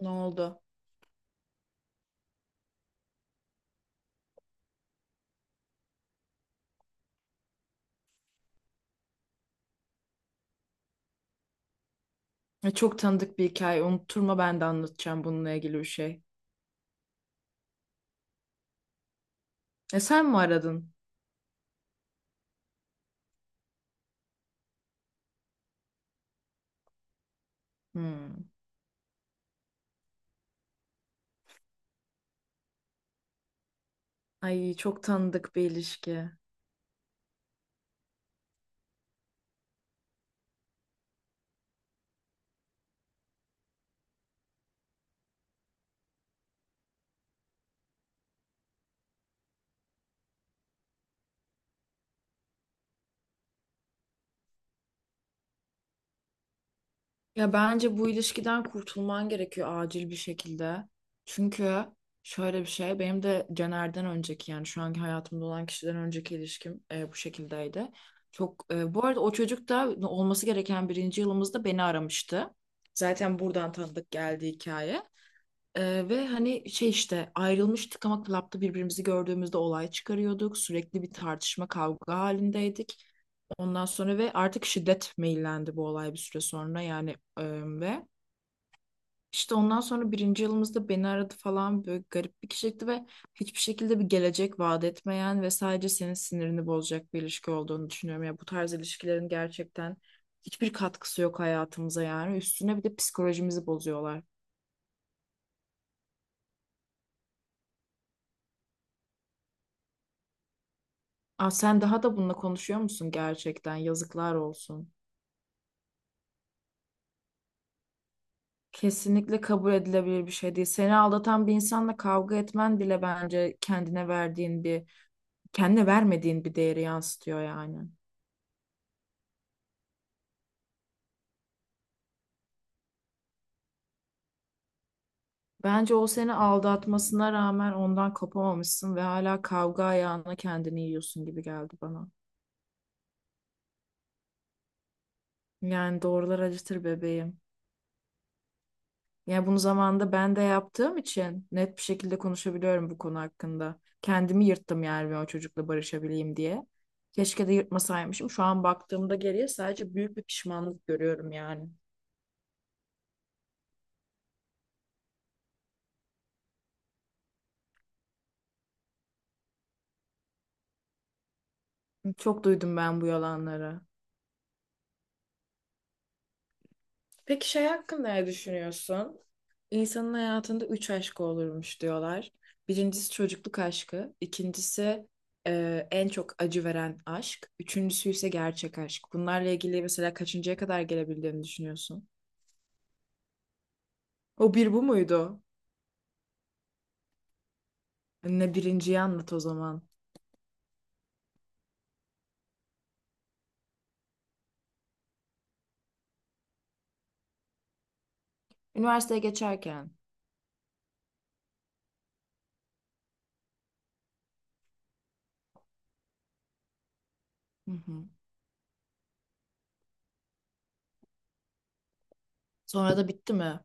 Ne oldu? Çok tanıdık bir hikaye. Unutturma ben de anlatacağım bununla ilgili bir şey. E sen mi aradın? Hmm. Ay çok tanıdık bir ilişki. Ya bence bu ilişkiden kurtulman gerekiyor acil bir şekilde. Çünkü şöyle bir şey, benim de Caner'den önceki, yani şu anki hayatımda olan kişiden önceki ilişkim bu şekildeydi. Çok bu arada o çocuk da olması gereken birinci yılımızda beni aramıştı. Zaten buradan tanıdık geldi hikaye. Ve hani şey işte ayrılmıştık ama klapta birbirimizi gördüğümüzde olay çıkarıyorduk. Sürekli bir tartışma kavga halindeydik. Ondan sonra ve artık şiddet meyillendi bu olay bir süre sonra yani ve işte ondan sonra birinci yılımızda beni aradı falan, böyle garip bir kişilikti ve hiçbir şekilde bir gelecek vaat etmeyen ve sadece senin sinirini bozacak bir ilişki olduğunu düşünüyorum. Ya bu tarz ilişkilerin gerçekten hiçbir katkısı yok hayatımıza, yani üstüne bir de psikolojimizi bozuyorlar. Aa, sen daha da bununla konuşuyor musun gerçekten? Yazıklar olsun. Kesinlikle kabul edilebilir bir şey değil. Seni aldatan bir insanla kavga etmen bile bence kendine verdiğin bir, kendine vermediğin bir değeri yansıtıyor yani. Bence o seni aldatmasına rağmen ondan kopamamışsın ve hala kavga ayağına kendini yiyorsun gibi geldi bana. Yani doğrular acıtır bebeğim. Yani bunu zamanında ben de yaptığım için net bir şekilde konuşabiliyorum bu konu hakkında. Kendimi yırttım yani ben o çocukla barışabileyim diye. Keşke de yırtmasaymışım. Şu an baktığımda geriye sadece büyük bir pişmanlık görüyorum yani. Çok duydum ben bu yalanları. Peki şey hakkında ne düşünüyorsun? İnsanın hayatında üç aşkı olurmuş diyorlar. Birincisi çocukluk aşkı, ikincisi en çok acı veren aşk, üçüncüsü ise gerçek aşk. Bunlarla ilgili mesela kaçıncıya kadar gelebildiğini düşünüyorsun? O bir bu muydu? Ne, birinciyi anlat o zaman. Üniversiteye geçerken. Hı hı. Sonra da bitti mi?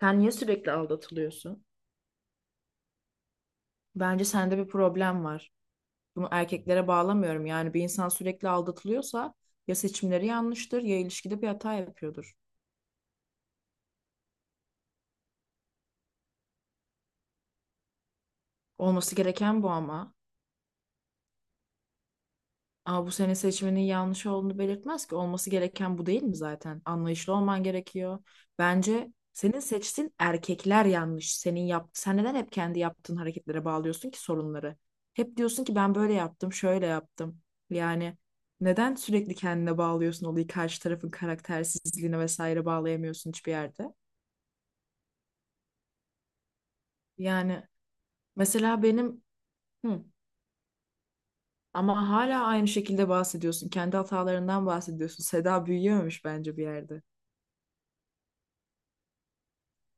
Sen niye sürekli aldatılıyorsun? Bence sende bir problem var. Bunu erkeklere bağlamıyorum. Yani bir insan sürekli aldatılıyorsa ya seçimleri yanlıştır ya ilişkide bir hata yapıyordur. Olması gereken bu ama. Aa, bu sene seçmenin yanlış olduğunu belirtmez ki. Olması gereken bu değil mi zaten? Anlayışlı olman gerekiyor. Bence senin seçtiğin erkekler yanlış. Sen neden hep kendi yaptığın hareketlere bağlıyorsun ki sorunları? Hep diyorsun ki ben böyle yaptım, şöyle yaptım. Yani neden sürekli kendine bağlıyorsun olayı, karşı tarafın karaktersizliğine vesaire bağlayamıyorsun hiçbir yerde? Yani mesela benim. Hı. Ama hala aynı şekilde bahsediyorsun. Kendi hatalarından bahsediyorsun. Seda büyüyememiş bence bir yerde.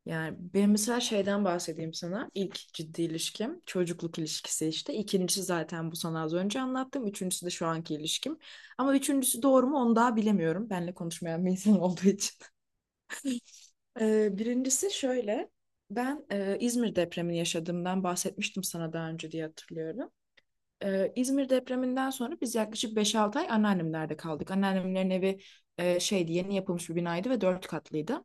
Yani ben mesela şeyden bahsedeyim sana. İlk ciddi ilişkim çocukluk ilişkisi işte. İkincisi zaten bu, sana az önce anlattım. Üçüncüsü de şu anki ilişkim. Ama üçüncüsü doğru mu onu daha bilemiyorum. Benle konuşmayan bir insan olduğu için. Birincisi şöyle. Ben İzmir depremini yaşadığımdan bahsetmiştim sana daha önce diye hatırlıyorum. İzmir depreminden sonra biz yaklaşık beş altı ay anneannemlerde kaldık. Anneannemlerin evi şeydi, yeni yapılmış bir binaydı ve 4 katlıydı.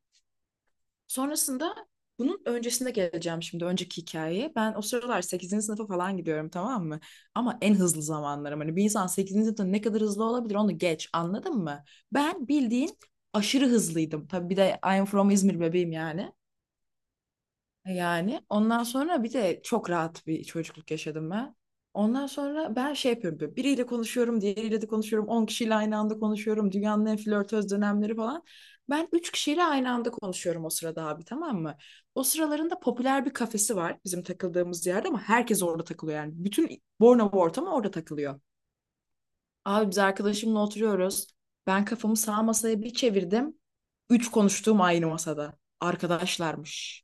Sonrasında, bunun öncesinde geleceğim şimdi önceki hikayeye. Ben o sıralar sekizinci sınıfa falan gidiyorum, tamam mı? Ama en hızlı zamanlarım. Hani bir insan sekizinci sınıfta ne kadar hızlı olabilir onu geç, anladın mı? Ben bildiğin aşırı hızlıydım. Tabii bir de I'm from İzmir bebeğim yani. Yani ondan sonra bir de çok rahat bir çocukluk yaşadım ben. Ondan sonra ben şey yapıyorum, böyle biriyle konuşuyorum, diğeriyle de konuşuyorum, 10 kişiyle aynı anda konuşuyorum, dünyanın en flörtöz dönemleri falan. Ben 3 kişiyle aynı anda konuşuyorum o sırada abi, tamam mı? O sıralarında popüler bir kafesi var bizim takıldığımız yerde, ama herkes orada takılıyor yani. Bütün Bornova ortamı orada takılıyor. Abi biz arkadaşımla oturuyoruz. Ben kafamı sağ masaya bir çevirdim. Üç konuştuğum aynı masada. Arkadaşlarmış.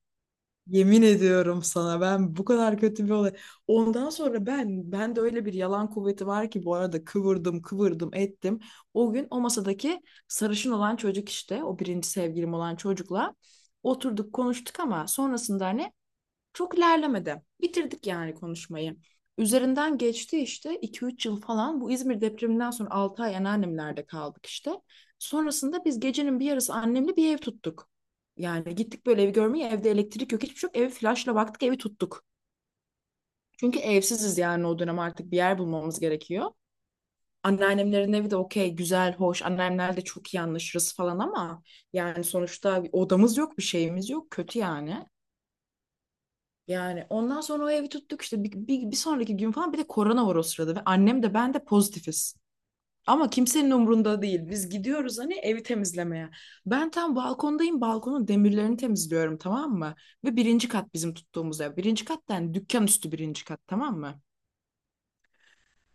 Yemin ediyorum sana, ben bu kadar kötü bir olay. Ondan sonra ben de, öyle bir yalan kuvveti var ki bu arada, kıvırdım kıvırdım ettim. O gün o masadaki sarışın olan çocuk, işte o birinci sevgilim olan çocukla oturduk konuştuk ama sonrasında hani çok ilerlemedi. Bitirdik yani konuşmayı. Üzerinden geçti işte 2-3 yıl falan. Bu İzmir depreminden sonra 6 ay anneannemlerde kaldık işte. Sonrasında biz gecenin bir yarısı annemle bir ev tuttuk. Yani gittik böyle evi görmeye, evde elektrik yok hiçbir şey yok. Evi flaşla baktık, evi tuttuk. Çünkü evsiziz yani, o dönem artık bir yer bulmamız gerekiyor. Anneannemlerin evi de okey, güzel, hoş, anneannemlerle çok iyi anlaşırız falan ama yani sonuçta odamız yok, bir şeyimiz yok, kötü yani. Yani ondan sonra o evi tuttuk işte, bir sonraki gün falan, bir de korona var o sırada ve annem de ben de pozitifiz. Ama kimsenin umrunda değil. Biz gidiyoruz hani evi temizlemeye. Ben tam balkondayım. Balkonun demirlerini temizliyorum, tamam mı? Ve birinci kat bizim tuttuğumuz ev. Birinci kat yani dükkan üstü birinci kat, tamam mı?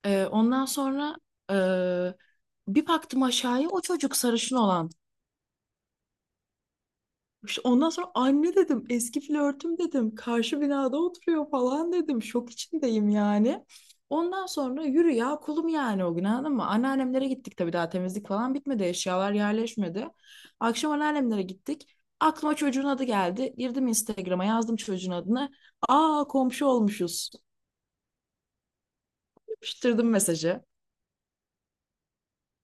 Ondan sonra e, bir baktım aşağıya, o çocuk sarışın olan. İşte ondan sonra, anne dedim, eski flörtüm dedim, karşı binada oturuyor falan dedim. Şok içindeyim yani. Ondan sonra yürü ya kulum yani, o gün, anladın mı? Anneannemlere gittik tabii, daha temizlik falan bitmedi, eşyalar yerleşmedi. Akşam anneannemlere gittik. Aklıma çocuğun adı geldi. Girdim Instagram'a, yazdım çocuğun adını. Aa, komşu olmuşuz. Yapıştırdım mesajı.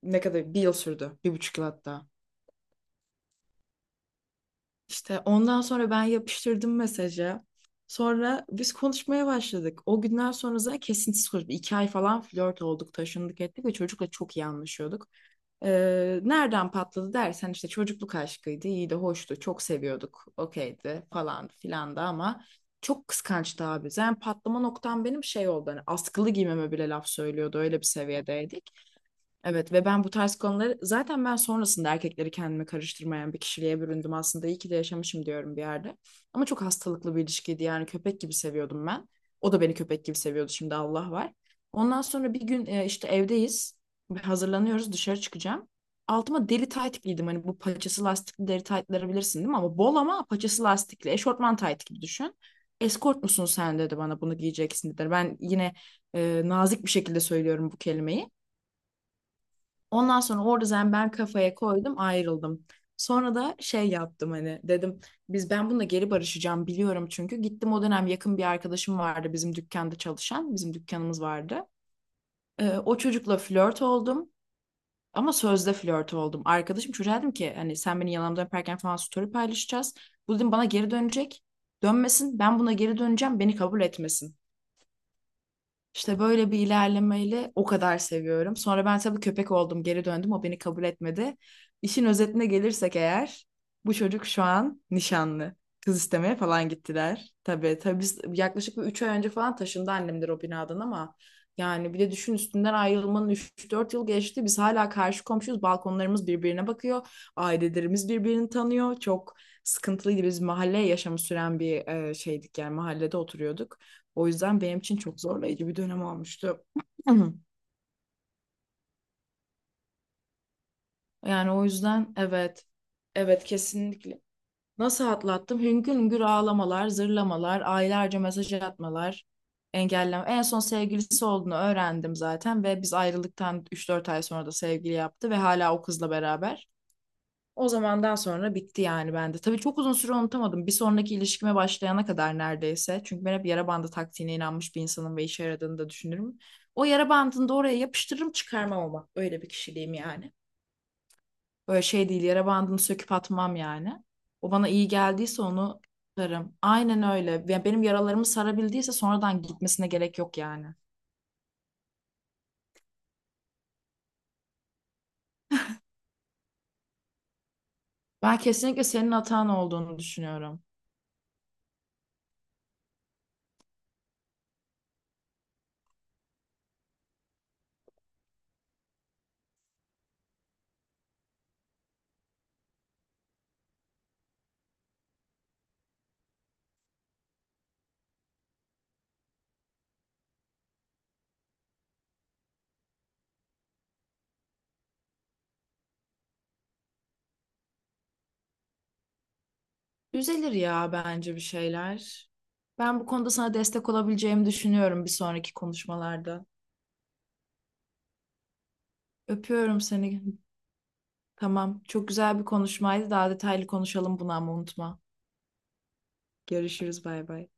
Ne kadar? Bir yıl sürdü. 1,5 yıl hatta. İşte ondan sonra ben yapıştırdım mesajı. Sonra biz konuşmaya başladık. O günden sonra zaten kesintisiz konuştuk. 2 ay falan flört olduk, taşındık ettik ve çocukla çok iyi anlaşıyorduk. Nereden patladı dersen, işte çocukluk aşkıydı, iyi de hoştu, çok seviyorduk, okeydi falan filan da ama çok kıskançtı abi. Zaten patlama noktam benim şey oldu, hani askılı giymeme bile laf söylüyordu, öyle bir seviyedeydik. Evet, ve ben bu tarz konuları zaten ben sonrasında erkekleri kendime karıştırmayan bir kişiliğe büründüm aslında. İyi ki de yaşamışım diyorum bir yerde. Ama çok hastalıklı bir ilişkiydi yani, köpek gibi seviyordum ben. O da beni köpek gibi seviyordu şimdi, Allah var. Ondan sonra bir gün işte evdeyiz. Hazırlanıyoruz, dışarı çıkacağım. Altıma deri tayt giydim, hani bu paçası lastikli deri taytları bilirsin değil mi? Ama bol, ama paçası lastikli eşortman tayt gibi düşün. Eskort musun sen, dedi, bana bunu giyeceksin dedi. Ben yine nazik bir şekilde söylüyorum bu kelimeyi. Ondan sonra orada zaten ben kafaya koydum, ayrıldım. Sonra da şey yaptım, hani dedim, ben bununla geri barışacağım biliyorum çünkü. Gittim, o dönem yakın bir arkadaşım vardı bizim dükkanda çalışan, bizim dükkanımız vardı. O çocukla flört oldum, ama sözde flört oldum. Arkadaşım çocuğa dedim ki hani, sen beni yalandan öperken falan story paylaşacağız. Bu dedim bana geri dönecek. Dönmesin, ben buna geri döneceğim, beni kabul etmesin. İşte böyle bir ilerlemeyle, o kadar seviyorum. Sonra ben tabii köpek oldum, geri döndüm. O beni kabul etmedi. İşin özetine gelirsek eğer, bu çocuk şu an nişanlı. Kız istemeye falan gittiler. Tabii tabii, biz yaklaşık bir 3 ay önce falan taşındı annemdir o binadan ama, yani bir de düşün, üstünden ayrılmanın 3-4 yıl geçti. Biz hala karşı komşuyuz. Balkonlarımız birbirine bakıyor. Ailelerimiz birbirini tanıyor. Çok sıkıntılıydı. Biz mahalle yaşamı süren bir şeydik yani, mahallede oturuyorduk. O yüzden benim için çok zorlayıcı bir dönem olmuştu. Yani o yüzden evet, evet kesinlikle. Nasıl atlattım? Hüngür hüngür ağlamalar, zırlamalar, aylarca mesaj atmalar, engelleme. En son sevgilisi olduğunu öğrendim zaten ve biz ayrılıktan 3-4 ay sonra da sevgili yaptı ve hala o kızla beraber. O zamandan sonra bitti yani bende. Tabii çok uzun süre unutamadım. Bir sonraki ilişkime başlayana kadar neredeyse. Çünkü ben hep yara bandı taktiğine inanmış bir insanım ve işe yaradığını da düşünürüm. O yara bandını da oraya yapıştırırım, çıkarmam ama. Öyle bir kişiliğim yani. Böyle şey değil, yara bandını söküp atmam yani. O bana iyi geldiyse onu sararım. Aynen öyle. Ya benim yaralarımı sarabildiyse sonradan, gitmesine gerek yok yani. Ben kesinlikle senin hatan olduğunu düşünüyorum. Düzelir ya bence bir şeyler. Ben bu konuda sana destek olabileceğimi düşünüyorum bir sonraki konuşmalarda. Öpüyorum seni. Tamam. Çok güzel bir konuşmaydı. Daha detaylı konuşalım bunu ama, unutma. Görüşürüz. Bay bay.